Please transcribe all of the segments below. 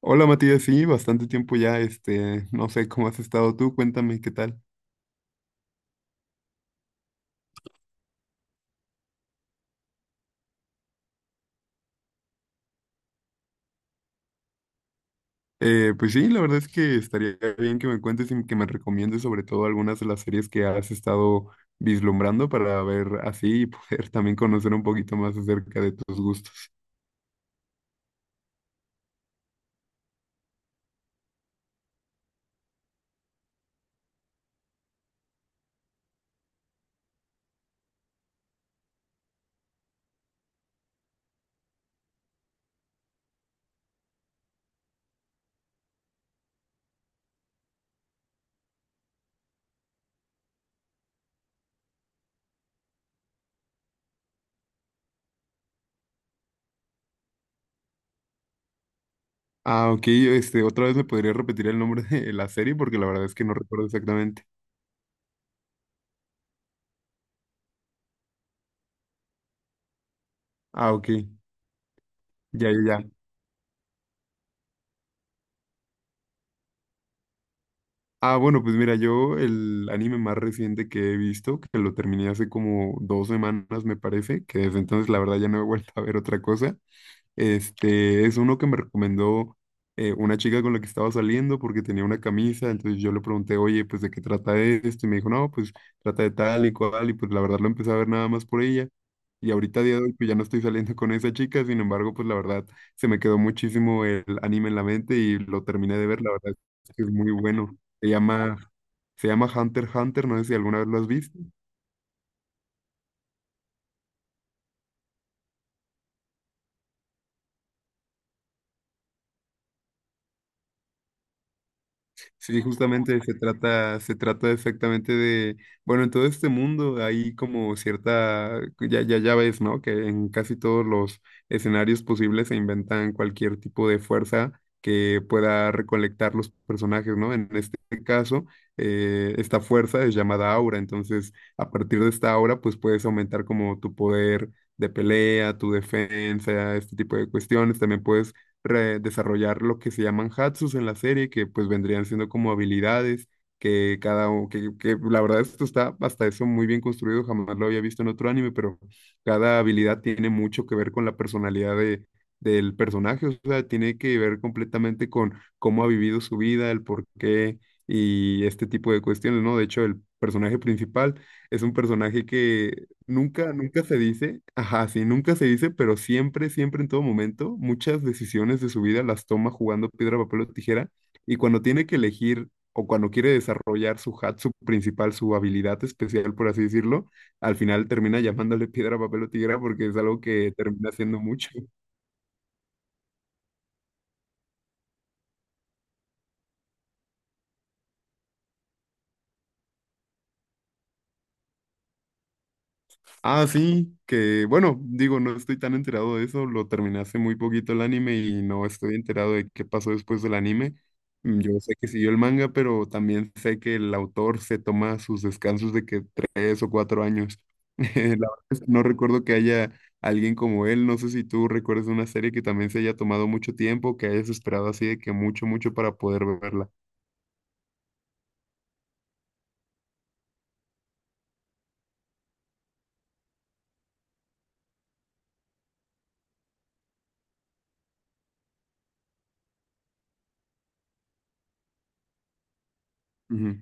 Hola Matías, sí, bastante tiempo ya, no sé cómo has estado tú, cuéntame qué tal. Pues sí, la verdad es que estaría bien que me cuentes y que me recomiendes sobre todo algunas de las series que has estado vislumbrando para ver así y poder también conocer un poquito más acerca de tus gustos. Ah, ok, otra vez me podría repetir el nombre de la serie porque la verdad es que no recuerdo exactamente. Ah, ok, ya, ya, ya. Ah, bueno, pues mira, yo el anime más reciente que he visto, que lo terminé hace como 2 semanas, me parece, que desde entonces la verdad ya no he vuelto a ver otra cosa, es uno que me recomendó una chica con la que estaba saliendo porque tenía una camisa, entonces yo le pregunté, oye, pues ¿de qué trata esto? Y me dijo, no, pues trata de tal y cual, y pues la verdad lo empecé a ver nada más por ella. Y ahorita a día de hoy pues ya no estoy saliendo con esa chica, sin embargo, pues la verdad se me quedó muchísimo el anime en la mente y lo terminé de ver, la verdad es que es muy bueno. Se llama, se llama Hunter x Hunter, no sé si alguna vez lo has visto. Sí, justamente se trata exactamente de, bueno, en todo este mundo hay como cierta, ya, ya, ya ves, ¿no? Que en casi todos los escenarios posibles se inventan cualquier tipo de fuerza que pueda recolectar los personajes, ¿no? En este caso, esta fuerza es llamada aura, entonces a partir de esta aura, pues puedes aumentar como tu poder de pelea, tu defensa, este tipo de cuestiones, también puedes desarrollar lo que se llaman hatsus en la serie, que pues vendrían siendo como habilidades que cada u- que la verdad esto está hasta eso muy bien construido, jamás lo había visto en otro anime, pero cada habilidad tiene mucho que ver con la personalidad de del personaje, o sea, tiene que ver completamente con cómo ha vivido su vida, el por qué y este tipo de cuestiones, ¿no? De hecho, el personaje principal es un personaje que Nunca, nunca se dice, ajá, sí, nunca se dice, pero siempre, siempre en todo momento, muchas decisiones de su vida las toma jugando piedra, papel o tijera, y cuando tiene que elegir o cuando quiere desarrollar su principal, su habilidad especial, por así decirlo, al final termina llamándole piedra, papel o tijera porque es algo que termina haciendo mucho. Ah, sí, que bueno, digo, no estoy tan enterado de eso, lo terminé hace muy poquito el anime y no estoy enterado de qué pasó después del anime. Yo sé que siguió el manga, pero también sé que el autor se toma sus descansos de que 3 o 4 años. La verdad es que no recuerdo que haya alguien como él, no sé si tú recuerdas una serie que también se haya tomado mucho tiempo, que hayas esperado así de que mucho, mucho para poder verla. Ujú,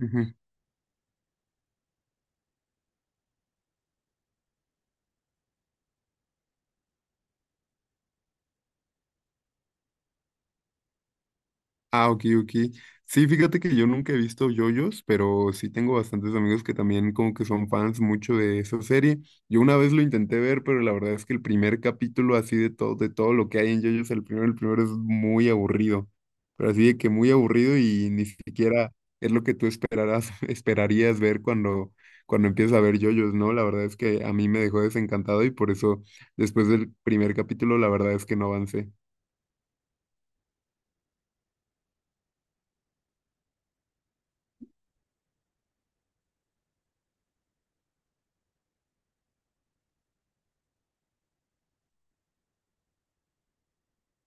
ujú. Ah, ok, ok. Sí, fíjate que yo nunca he visto yoyos, pero sí tengo bastantes amigos que también como que son fans mucho de esa serie. Yo una vez lo intenté ver, pero la verdad es que el primer capítulo así de todo lo que hay en yoyos, el primero es muy aburrido. Pero así de que muy aburrido y ni siquiera es lo que tú esperarás, esperarías ver cuando, cuando empiezas a ver yoyos, ¿no? La verdad es que a mí me dejó desencantado y por eso después del primer capítulo la verdad es que no avancé.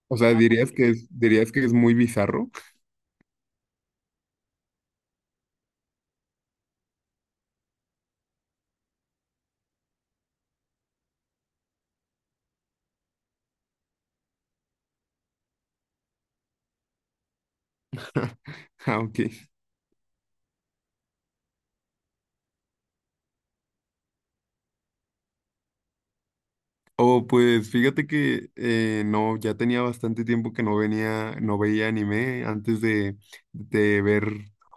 O sea, ah, dirías que es muy bizarro. Ah, ok. Oh, pues fíjate que no, ya tenía bastante tiempo que no venía, no veía anime antes de ver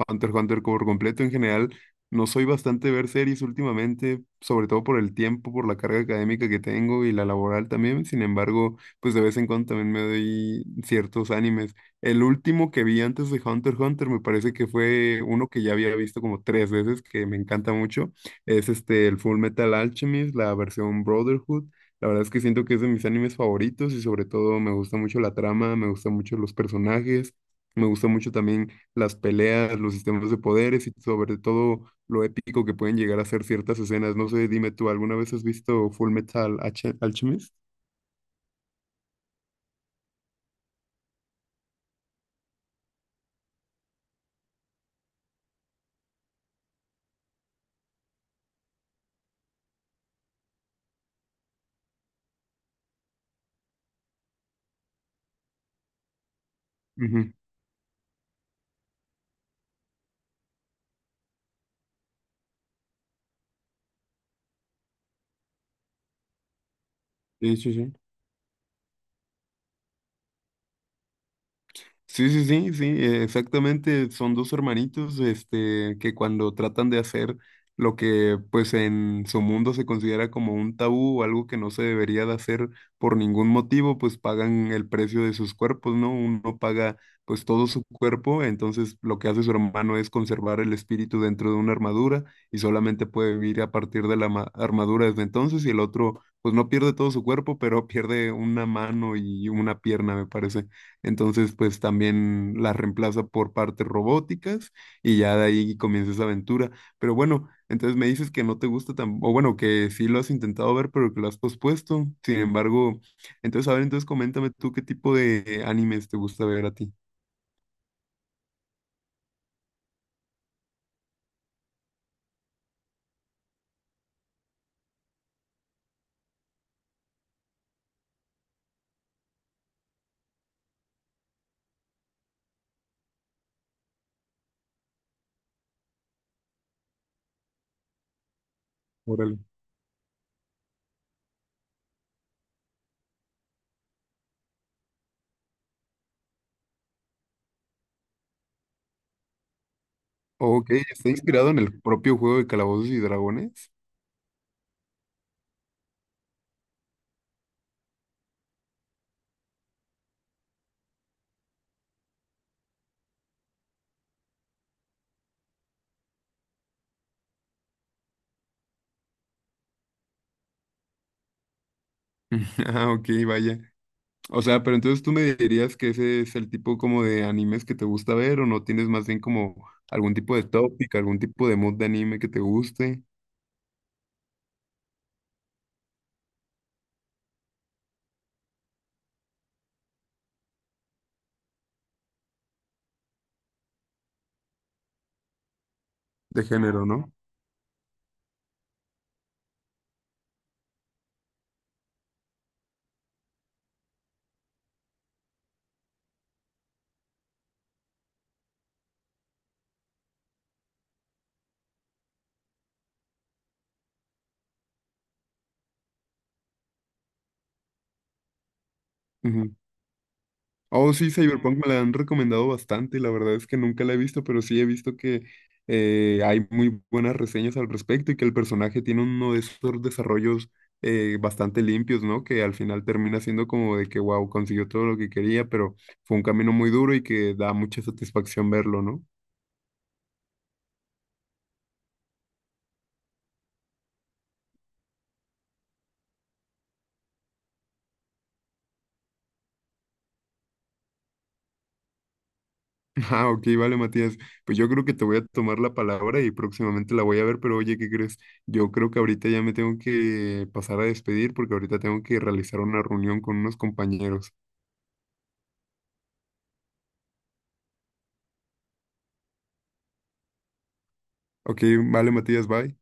Hunter x Hunter por completo. En general, no soy bastante de ver series últimamente, sobre todo por el tiempo, por la carga académica que tengo y la laboral también. Sin embargo, pues de vez en cuando también me doy ciertos animes. El último que vi antes de Hunter x Hunter me parece que fue uno que ya había visto como tres veces, que me encanta mucho. Es este, el Full Metal Alchemist, la versión Brotherhood. La verdad es que siento que es de mis animes favoritos y sobre todo me gusta mucho la trama, me gustan mucho los personajes, me gusta mucho también las peleas, los sistemas de poderes y sobre todo lo épico que pueden llegar a ser ciertas escenas. No sé, dime tú, ¿alguna vez has visto Full Metal Alchemist? Ujú. Sí, sí, sí. Sí, sí, sí, sí, exactamente. Son dos hermanitos, que cuando tratan de hacer lo que, pues, en su mundo se considera como un tabú o algo que no se debería de hacer por ningún motivo, pues pagan el precio de sus cuerpos, ¿no? Uno paga, pues, todo su cuerpo, entonces lo que hace su hermano es conservar el espíritu dentro de una armadura y solamente puede vivir a partir de la armadura desde entonces y el otro, pues, no pierde todo su cuerpo, pero pierde una mano y una pierna, me parece. Entonces, pues también las reemplaza por partes robóticas y ya de ahí comienza esa aventura. Pero bueno, entonces me dices que no te gusta tan, o bueno, que sí lo has intentado ver, pero que lo has pospuesto. Sin embargo, entonces, a ver, entonces coméntame tú qué tipo de animes te gusta ver a ti. Órale. Ok, está inspirado en el propio juego de Calabozos y Dragones. Ah, ok, vaya. O sea, pero entonces tú me dirías que ese es el tipo como de animes que te gusta ver o no tienes más bien como algún tipo de tópica, algún tipo de mood de anime que te guste, de género, ¿no? Ujú. Oh, sí, Cyberpunk me la han recomendado bastante, la verdad es que nunca la he visto, pero sí he visto que hay muy buenas reseñas al respecto y que el personaje tiene uno de esos desarrollos bastante limpios, ¿no? Que al final termina siendo como de que, wow, consiguió todo lo que quería, pero fue un camino muy duro y que da mucha satisfacción verlo, ¿no? Ah, ok, vale, Matías. Pues yo creo que te voy a tomar la palabra y próximamente la voy a ver, pero oye, ¿qué crees? Yo creo que ahorita ya me tengo que pasar a despedir porque ahorita tengo que realizar una reunión con unos compañeros. Ok, vale, Matías, bye.